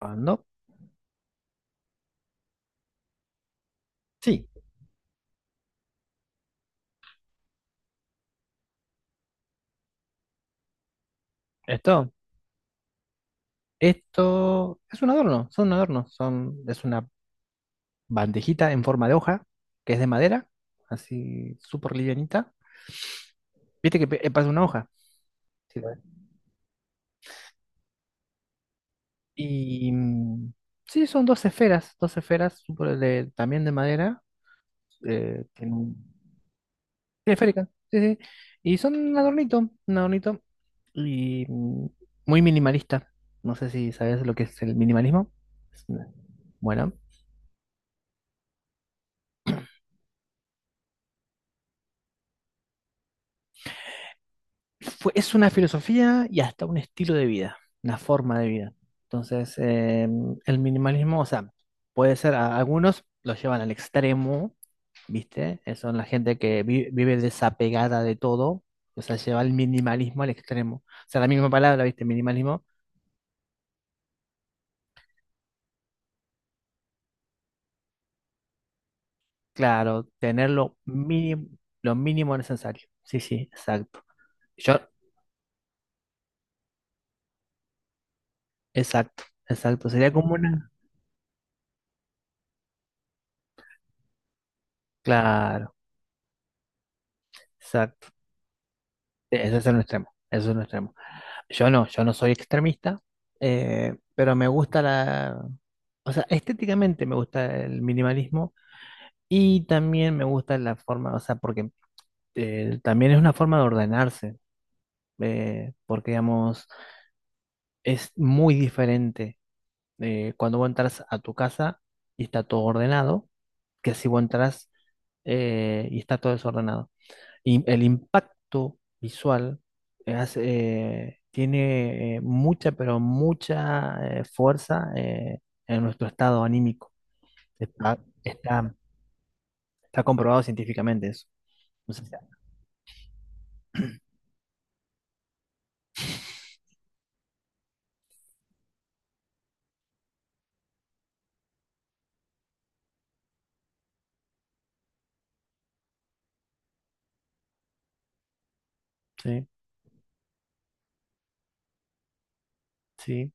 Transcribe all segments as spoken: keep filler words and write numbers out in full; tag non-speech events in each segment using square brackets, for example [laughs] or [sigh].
Ah, ¿no? Sí, esto, esto es un adorno, son un adorno, son, es una bandejita en forma de hoja, que es de madera, así súper livianita. Viste que pe- pasa una hoja. Sí, la- y mm, sí, son dos esferas, dos esferas súper de- también de madera, eh, tiene un- sí, esférica, sí, sí. Y son un adornito, un adornito, y mm, muy minimalista. No sé si sabes lo que es el minimalismo. Es una- Bueno. fue- es una filosofía y hasta un estilo de vida, una forma de vida. Entonces, eh, el minimalismo, o sea, puede ser, a- algunos lo llevan al extremo, ¿viste? Eh, Son la gente que vi- vive desapegada de todo, o sea, lleva el minimalismo al extremo. O sea, la misma palabra, ¿viste? Minimalismo, claro, tener lo mínimo, lo mínimo necesario. Sí, sí, exacto. Yo, exacto, exacto. Sería como una, claro, exacto. E, ese es un extremo, ese es un extremo. Yo no, yo no soy extremista, eh, pero me gusta la... O sea, estéticamente me gusta el minimalismo y también me gusta la forma, o sea, porque eh, también es una forma de ordenarse, eh, porque digamos, es muy diferente eh, cuando vos entras a tu casa y está todo ordenado, que si vos entras eh, y está todo desordenado. Y el impacto visual eh, eh, tiene eh, mucha, pero mucha eh, fuerza eh, en nuestro estado anímico. Está, está, está comprobado científicamente eso. O sea, sí, sí,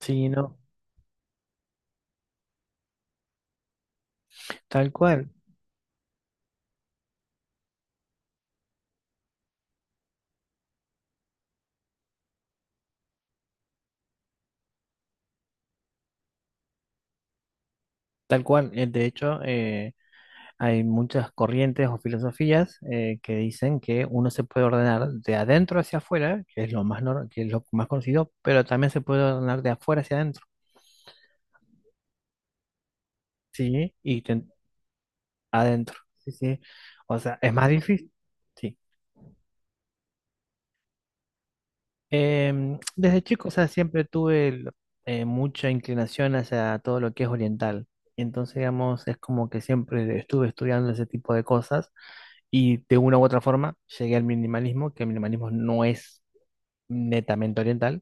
sí, no. Tal cual, tal cual. Eh, De hecho, eh, hay muchas corrientes o filosofías eh, que dicen que uno se puede ordenar de adentro hacia afuera, que es lo más, nor- que es lo más conocido, pero también se puede ordenar de afuera hacia adentro. Sí, y te- adentro, sí, sí. O sea, es más difícil, sí. Em, desde chico, o sea, siempre tuve el- eh, mucha inclinación hacia todo lo que es oriental. Y entonces, digamos, es como que siempre estuve estudiando ese tipo de cosas y de una u otra forma llegué al minimalismo, que el minimalismo no es netamente oriental,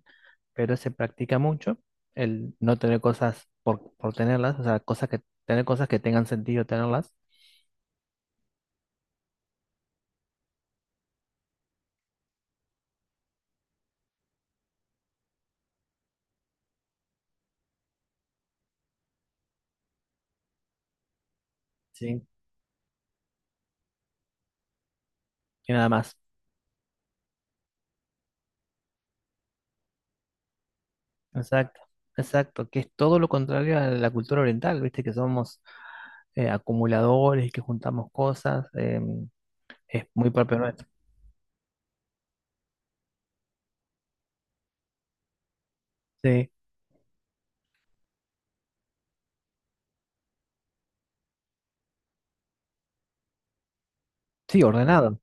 pero se practica mucho el no tener cosas por, por tenerlas, o sea, cosas que, tener cosas que tengan sentido tenerlas, ¿sí? Y nada más. Exacto, exacto, que es todo lo contrario a la cultura oriental, viste que somos eh, acumuladores, y que juntamos cosas, eh, es muy propio nuestro. Sí, sí, ordenado,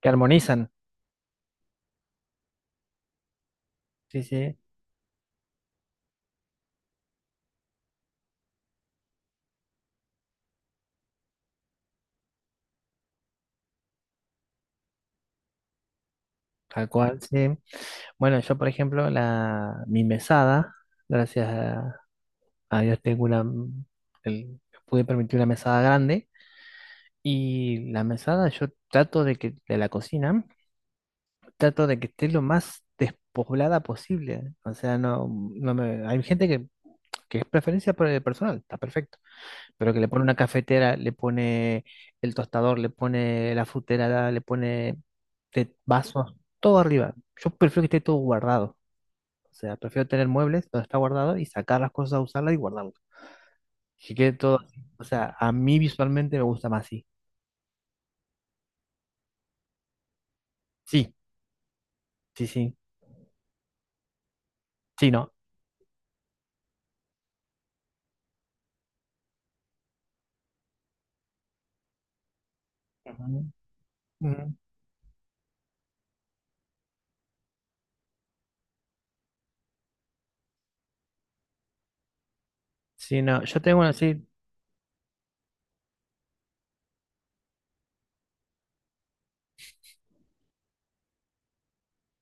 que armonizan, sí, sí, tal cual, sí. Bueno, yo por ejemplo, la, mi mesada, gracias a, a Dios tengo una, mm, el- pude permitir una mesada grande y la mesada yo trato de que de la cocina. Trato de que esté lo más despoblada posible. O sea, no, no me, hay gente que, que es preferencia por el personal, está perfecto, pero que le pone una cafetera, le pone el tostador, le pone la frutera, le pone de vasos, todo arriba. Yo prefiero que esté todo guardado. O sea, prefiero tener muebles donde está guardado y sacar las cosas a usarlas y guardarlas. Que quede todo así. O sea, a mí visualmente me gusta más así. Sí, sí, sí. Sí, no. Ujú, ujú. Sí, no. Yo tengo así,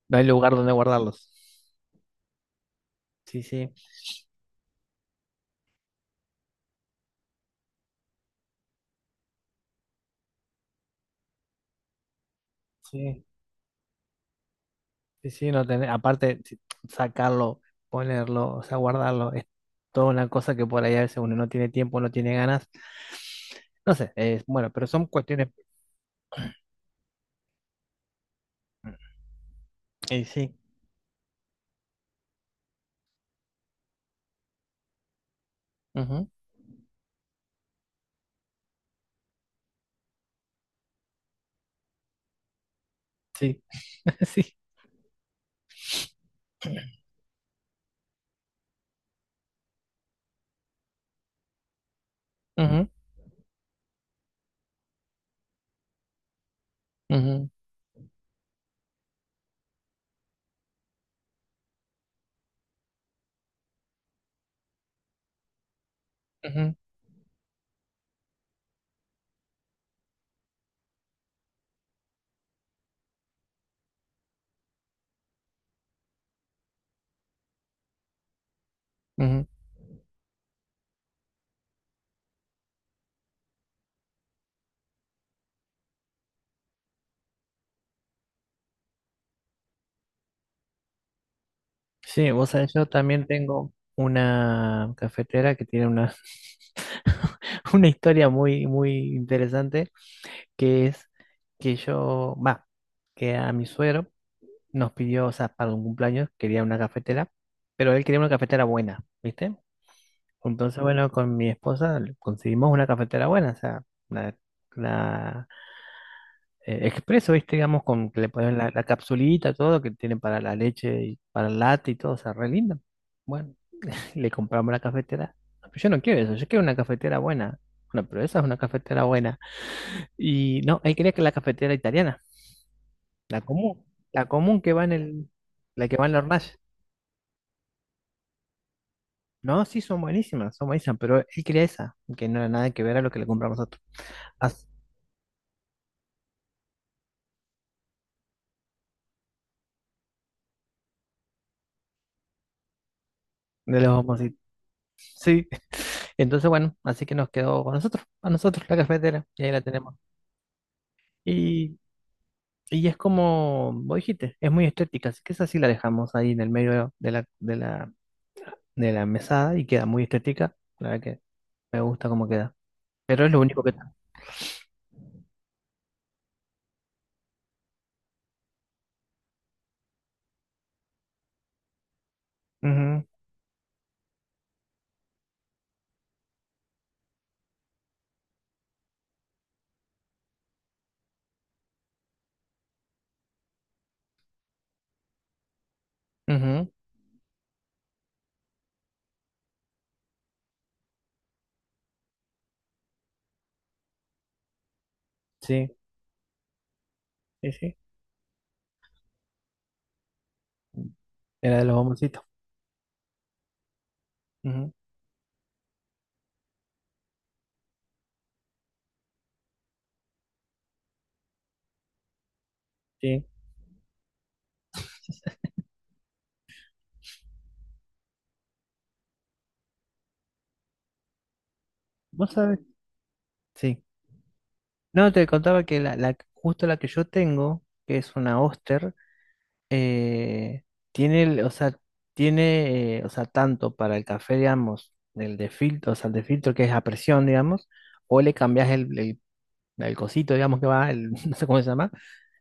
no hay lugar donde guardarlos. Sí, sí, sí, sí, sí, no tener, aparte si- sacarlo, ponerlo, o sea, guardarlo, es toda una cosa que por ahí a veces uno no tiene tiempo, no tiene ganas, no sé, es bueno, pero son cuestiones, y sí, ujú, sí, [laughs] sí, ujú, ujú, ujú, ujú. Sí, vos sabés, yo también tengo una cafetera que tiene una, [laughs] una historia muy, muy interesante, que es que yo, va, que a mi suegro nos pidió, o sea, para un cumpleaños quería una cafetera, pero él quería una cafetera buena, ¿viste? Entonces, bueno, con mi esposa le conseguimos una cafetera buena, o sea, la, la, eh, expreso, ¿viste? Digamos, con que le ponen la, la capsulita, todo, que tiene para la leche y para el latte y todo, o sea, re linda. Bueno, le compramos la cafetera. No, pero yo no quiero eso, yo quiero una cafetera buena. Bueno, pero esa es una cafetera buena. Y no, él quería que la cafetera italiana, la común, la común que va en el, la que va en la hornalla. No, sí, son buenísimas, son buenísimas, pero él quería esa, que no era nada que ver a lo que le compramos nosotros. As- de los bomboncitos. Sí. [laughs] Entonces, bueno, así que nos quedó con nosotros, a nosotros, la cafetera, y ahí la tenemos. Y, y es como vos dijiste, es muy estética, así que esa sí la dejamos ahí en el medio de la, de la, de la mesada y queda muy estética. La verdad que me gusta cómo queda. Pero es lo único que está. Ujú, ujú, sí, sí, sí. Era de los bomboncitos. Ujú, sí. ¿Vos sabés? Sí. No, te contaba que la, la- justo la que yo tengo, que es una Oster, eh, tiene, el- o sea, tiene, eh, o sea, tanto para el café, digamos, el de filtro, o sea, el de filtro que es a presión, digamos, o le cambias el, el, el cosito, digamos, que va, el, [laughs] no sé cómo se llama,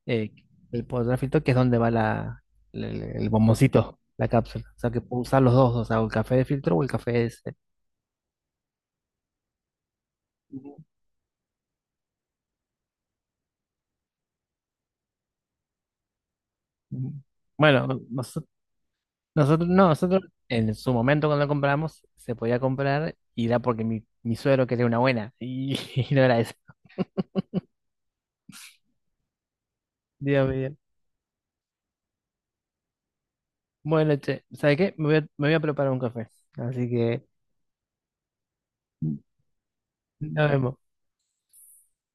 eh, el poder filtro, que es donde va la, el, el- bomboncito, la cápsula. O sea, que puedo usar los dos, o sea, o el café de filtro o el café de ese. Ujú. Bueno, nosotros, no, nosotros en su momento cuando lo compramos, se podía comprar y era porque mi, mi suegro quería una buena y, [laughs] y no era eso. Dios mío. Bueno, che, ¿sabes qué? Me voy a, me voy a preparar un café. Así que nos vemos.